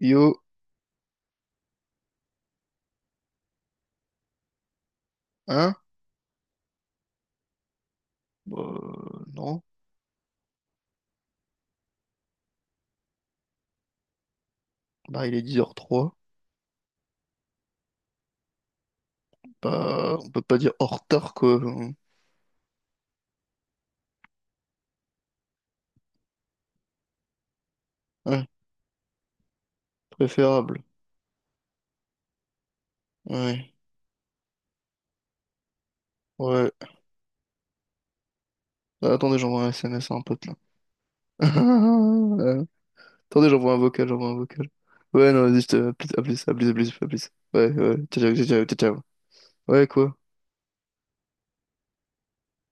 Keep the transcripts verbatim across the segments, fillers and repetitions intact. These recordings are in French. Yo, hein? Euh, non. Bah, il est dix heures trois. Bah, on peut pas dire en retard, quoi. Ouais, préférable. Ouais, ouais. Ah, attendez, j'envoie un S M S à un pote, là. Euh, Attendez, j'envoie un vocal, j'envoie un vocal. Ouais, non, vas-y, je te... à plus, à plus, à plus, à plus, à plus. Ouais, ouais, ciao, ciao, ciao, ciao, ciao. Ciao. Ouais, quoi?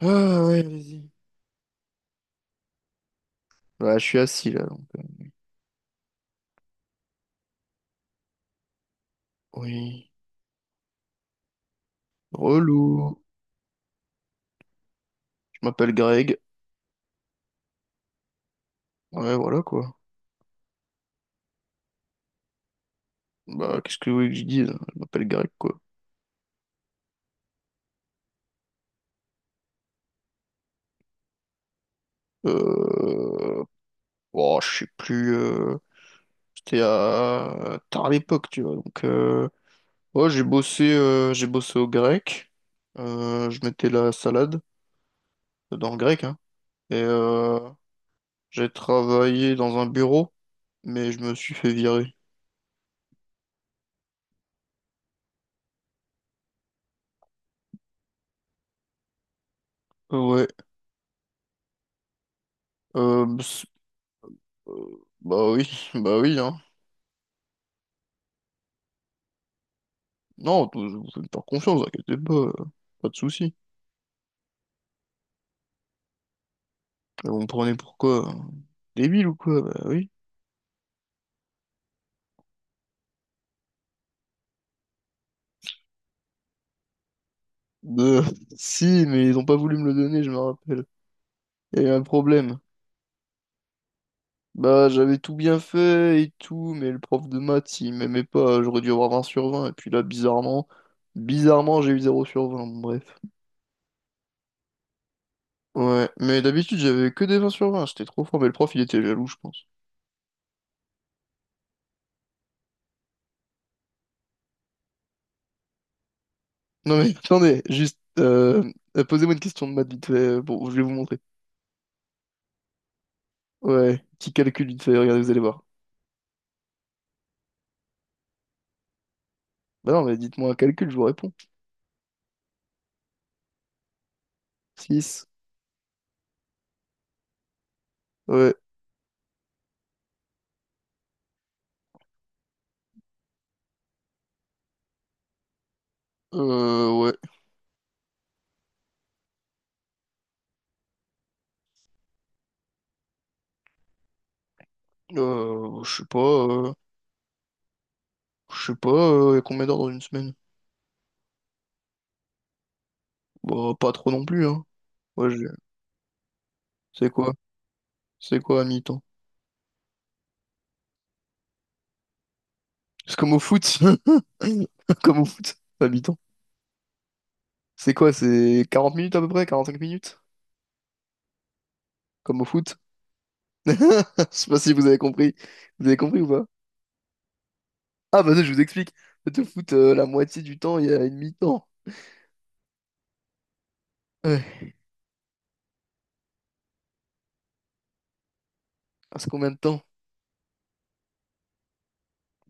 Ah, ouais, allez-y. Bah, je suis assis, là, donc... euh, Oui. Relou. Je m'appelle Greg. Ouais, voilà, quoi. Bah, qu'est-ce que vous voulez que je dise? Je m'appelle Greg, quoi. Euh... Oh, je sais plus. euh, C'était à tard à l'époque, tu vois. Donc, euh, ouais, j'ai bossé, euh, j'ai bossé au grec. Euh, je mettais la salade dans le grec, hein. Et euh, j'ai travaillé dans un bureau, mais je me suis fait virer. Ouais. Euh, bs- euh, Bah oui, bah oui, hein. Non, t- vous pouvez me faire confiance, inquiétez pas, euh, pas de soucis. Et Vous me prenez pour quoi, hein? Débile ou quoi? Bah oui. Euh, Si, mais ils ont pas voulu me le donner, je me rappelle. Il y a eu un problème. Bah, j'avais tout bien fait et tout, mais le prof de maths, il m'aimait pas, j'aurais dû avoir vingt sur vingt et puis là, bizarrement, bizarrement, j'ai eu zéro sur vingt bon, bref. Ouais, mais d'habitude, j'avais que des vingt sur vingt j'étais trop fort, mais le prof, il était jaloux, je pense. Non mais, attendez, juste, euh, euh, posez-moi une question de maths vite fait, euh, bon, je vais vous montrer. Ouais, petit calcul vite fait, regardez, vous allez voir. Bah non, mais dites-moi un calcul, je vous réponds. six Ouais, euh, ouais, euh, je sais pas, euh, je sais pas, euh, y a combien d'heures dans une semaine? Bah, pas trop non plus, hein. Ouais, C'est quoi? C'est quoi à mi-temps? C'est comme au foot. Comme au foot, à mi-temps. C'est quoi? C'est quarante minutes à peu près? quarante-cinq minutes? Comme au foot? Je sais pas si vous avez compris. Vous avez compris ou pas? Ah bah ça, je vous explique. Le foot, euh, la moitié du temps, il y a une mi-temps. Ouais. Ah, C'est combien de temps?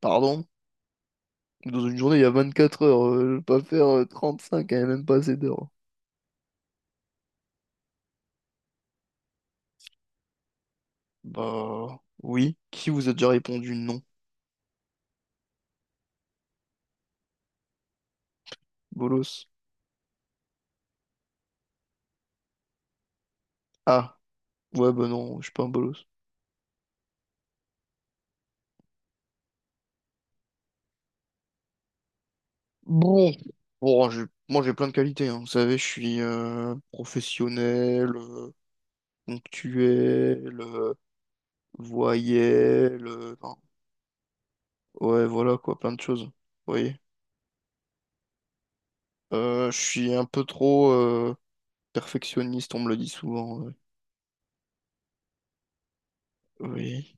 Pardon? Dans une journée, il y a vingt-quatre heures. euh, je vais pas faire euh, trente-cinq, hein, même pas assez d'heures. Bah oui. Qui vous a déjà répondu non? Bolos. Ah. Ouais, bah non, je suis pas un bolos. Bon, bon, j'ai- moi j'ai plein de qualités, hein. Vous savez, je suis euh, professionnel, euh, ponctuel, euh, voyelle, euh, enfin, ouais, voilà quoi, plein de choses. Vous voyez. Euh, je suis un peu trop euh, perfectionniste, on me le dit souvent. Ouais. Oui.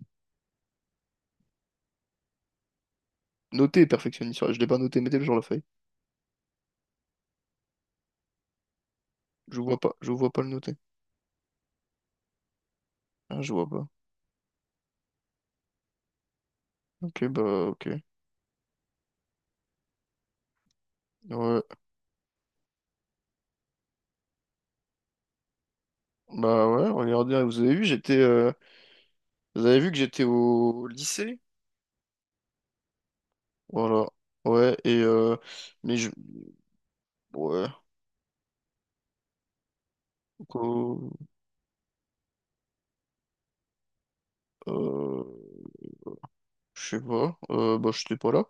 Noté perfectionniste, ouais, je l'ai pas noté, mettez-le sur la feuille. Je vois pas, je vois pas le noter. Ah, je vois pas. Ok, bah ok. Ouais. Bah ouais, regardez, hein, vous avez vu, j'étais euh, vous avez vu que j'étais au lycée? Voilà. Ouais, et euh, mais je ouais, quoi, euh, je sais pas, euh, bah j'étais pas là.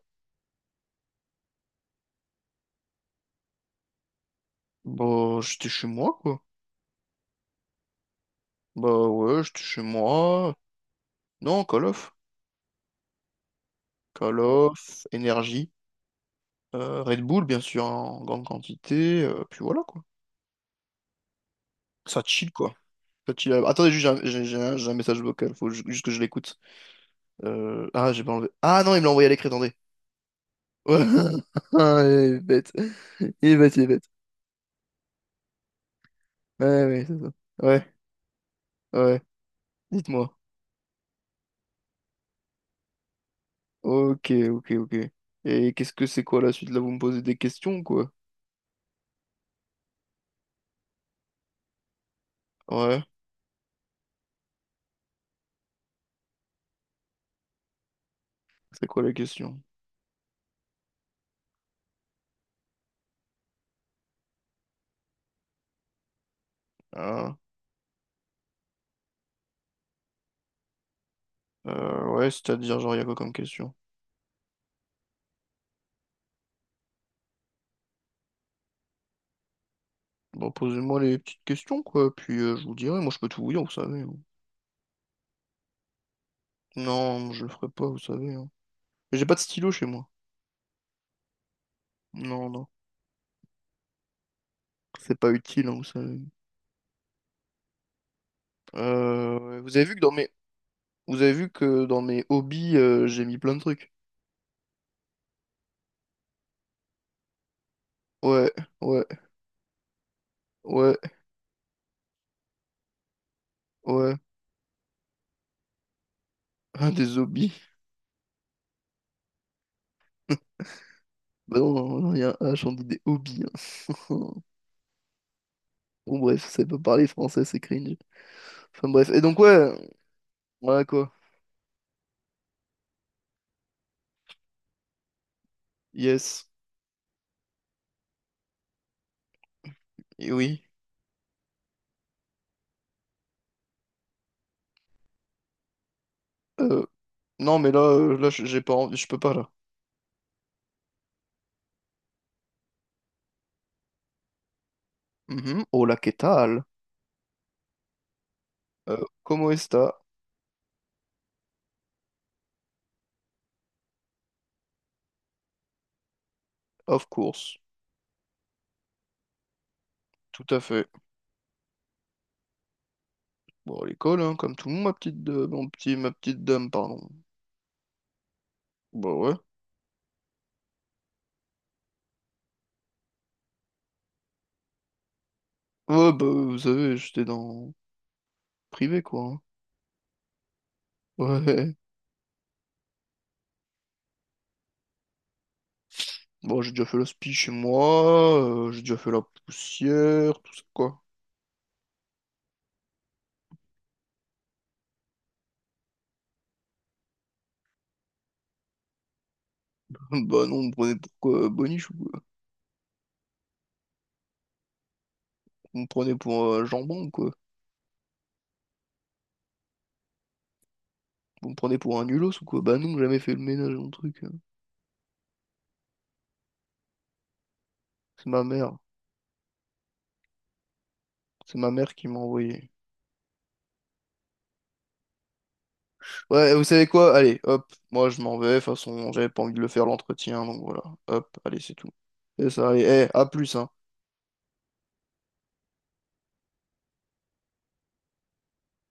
Bah j'étais chez moi quoi. Bah ouais, j'étais chez moi. Non, Call of. Call of, énergie, euh, Red Bull bien sûr en grande quantité, euh, puis voilà quoi. Ça chill quoi. Ça chill. Attendez, juste j'ai un, j'ai- j'ai un- j'ai un message vocal, faut ju- juste que je l'écoute. Euh, Ah, j'ai pas enlevé. Ah non, il me l'a envoyé à l'écrit, attendez. Ouais. Ah, il est bête. Il est bête, il est bête. Ouais, ouais, c'est ça. Ouais. ouais. Dites-moi. Ok, ok, ok. Et qu'est-ce que c'est quoi la suite? Là, vous me posez des questions, quoi? Ouais, c'est quoi la question? Ah, euh, ouais, c'est-à-dire, genre, il y a quoi comme question? Bon, posez-moi les petites questions, quoi, puis euh, je vous dirai. Moi, je peux tout vous dire, vous savez. hein. Non, je le ferai pas, vous savez. hein. J'ai pas de stylo chez moi. Non, non. C'est pas utile, hein, vous savez. Euh, ouais, vous avez vu que dans mes... Vous avez vu que dans mes hobbies, euh, j'ai mis plein de trucs. Ouais, ouais, ouais, ouais. Un des hobbies. Bah non, non, non, il y a un H, on dit des hobbies. hein. Bon, bref, ça savez pas parler français, c'est cringe. Enfin, bref. Et donc, ouais, ouais, quoi. Yes. Et oui. Euh, non, mais là, euh, là, j'ai pas envie, je peux pas, là. Mhm. Hola, ¿qué tal? Euh, ¿cómo está? Of course. Tout à fait. Bon, à l'école, hein, comme tout le monde, ma petite, de- mon petit, ma petite dame, pardon. Bah ouais. Ouais, bah, vous savez, j'étais dans privé, quoi. hein. Ouais. Bon, j'ai déjà fait la spie chez moi, euh, j'ai déjà fait la poussière, tout ça, quoi. Bah non, on me prenait pour quoi, boniche ou quoi? On me prenait pour euh, jambon ou quoi? Vous me prenez pour un nulos ou quoi? Bah non, j'ai jamais fait le ménage mon truc. hein. C'est ma mère. C'est ma mère qui m'a envoyé. Ouais, vous savez quoi? Allez, hop, moi je m'en vais. De toute façon, j'avais pas envie de le faire l'entretien, donc voilà. Hop, allez, c'est tout. C'est ça, allez, eh, à plus, hein.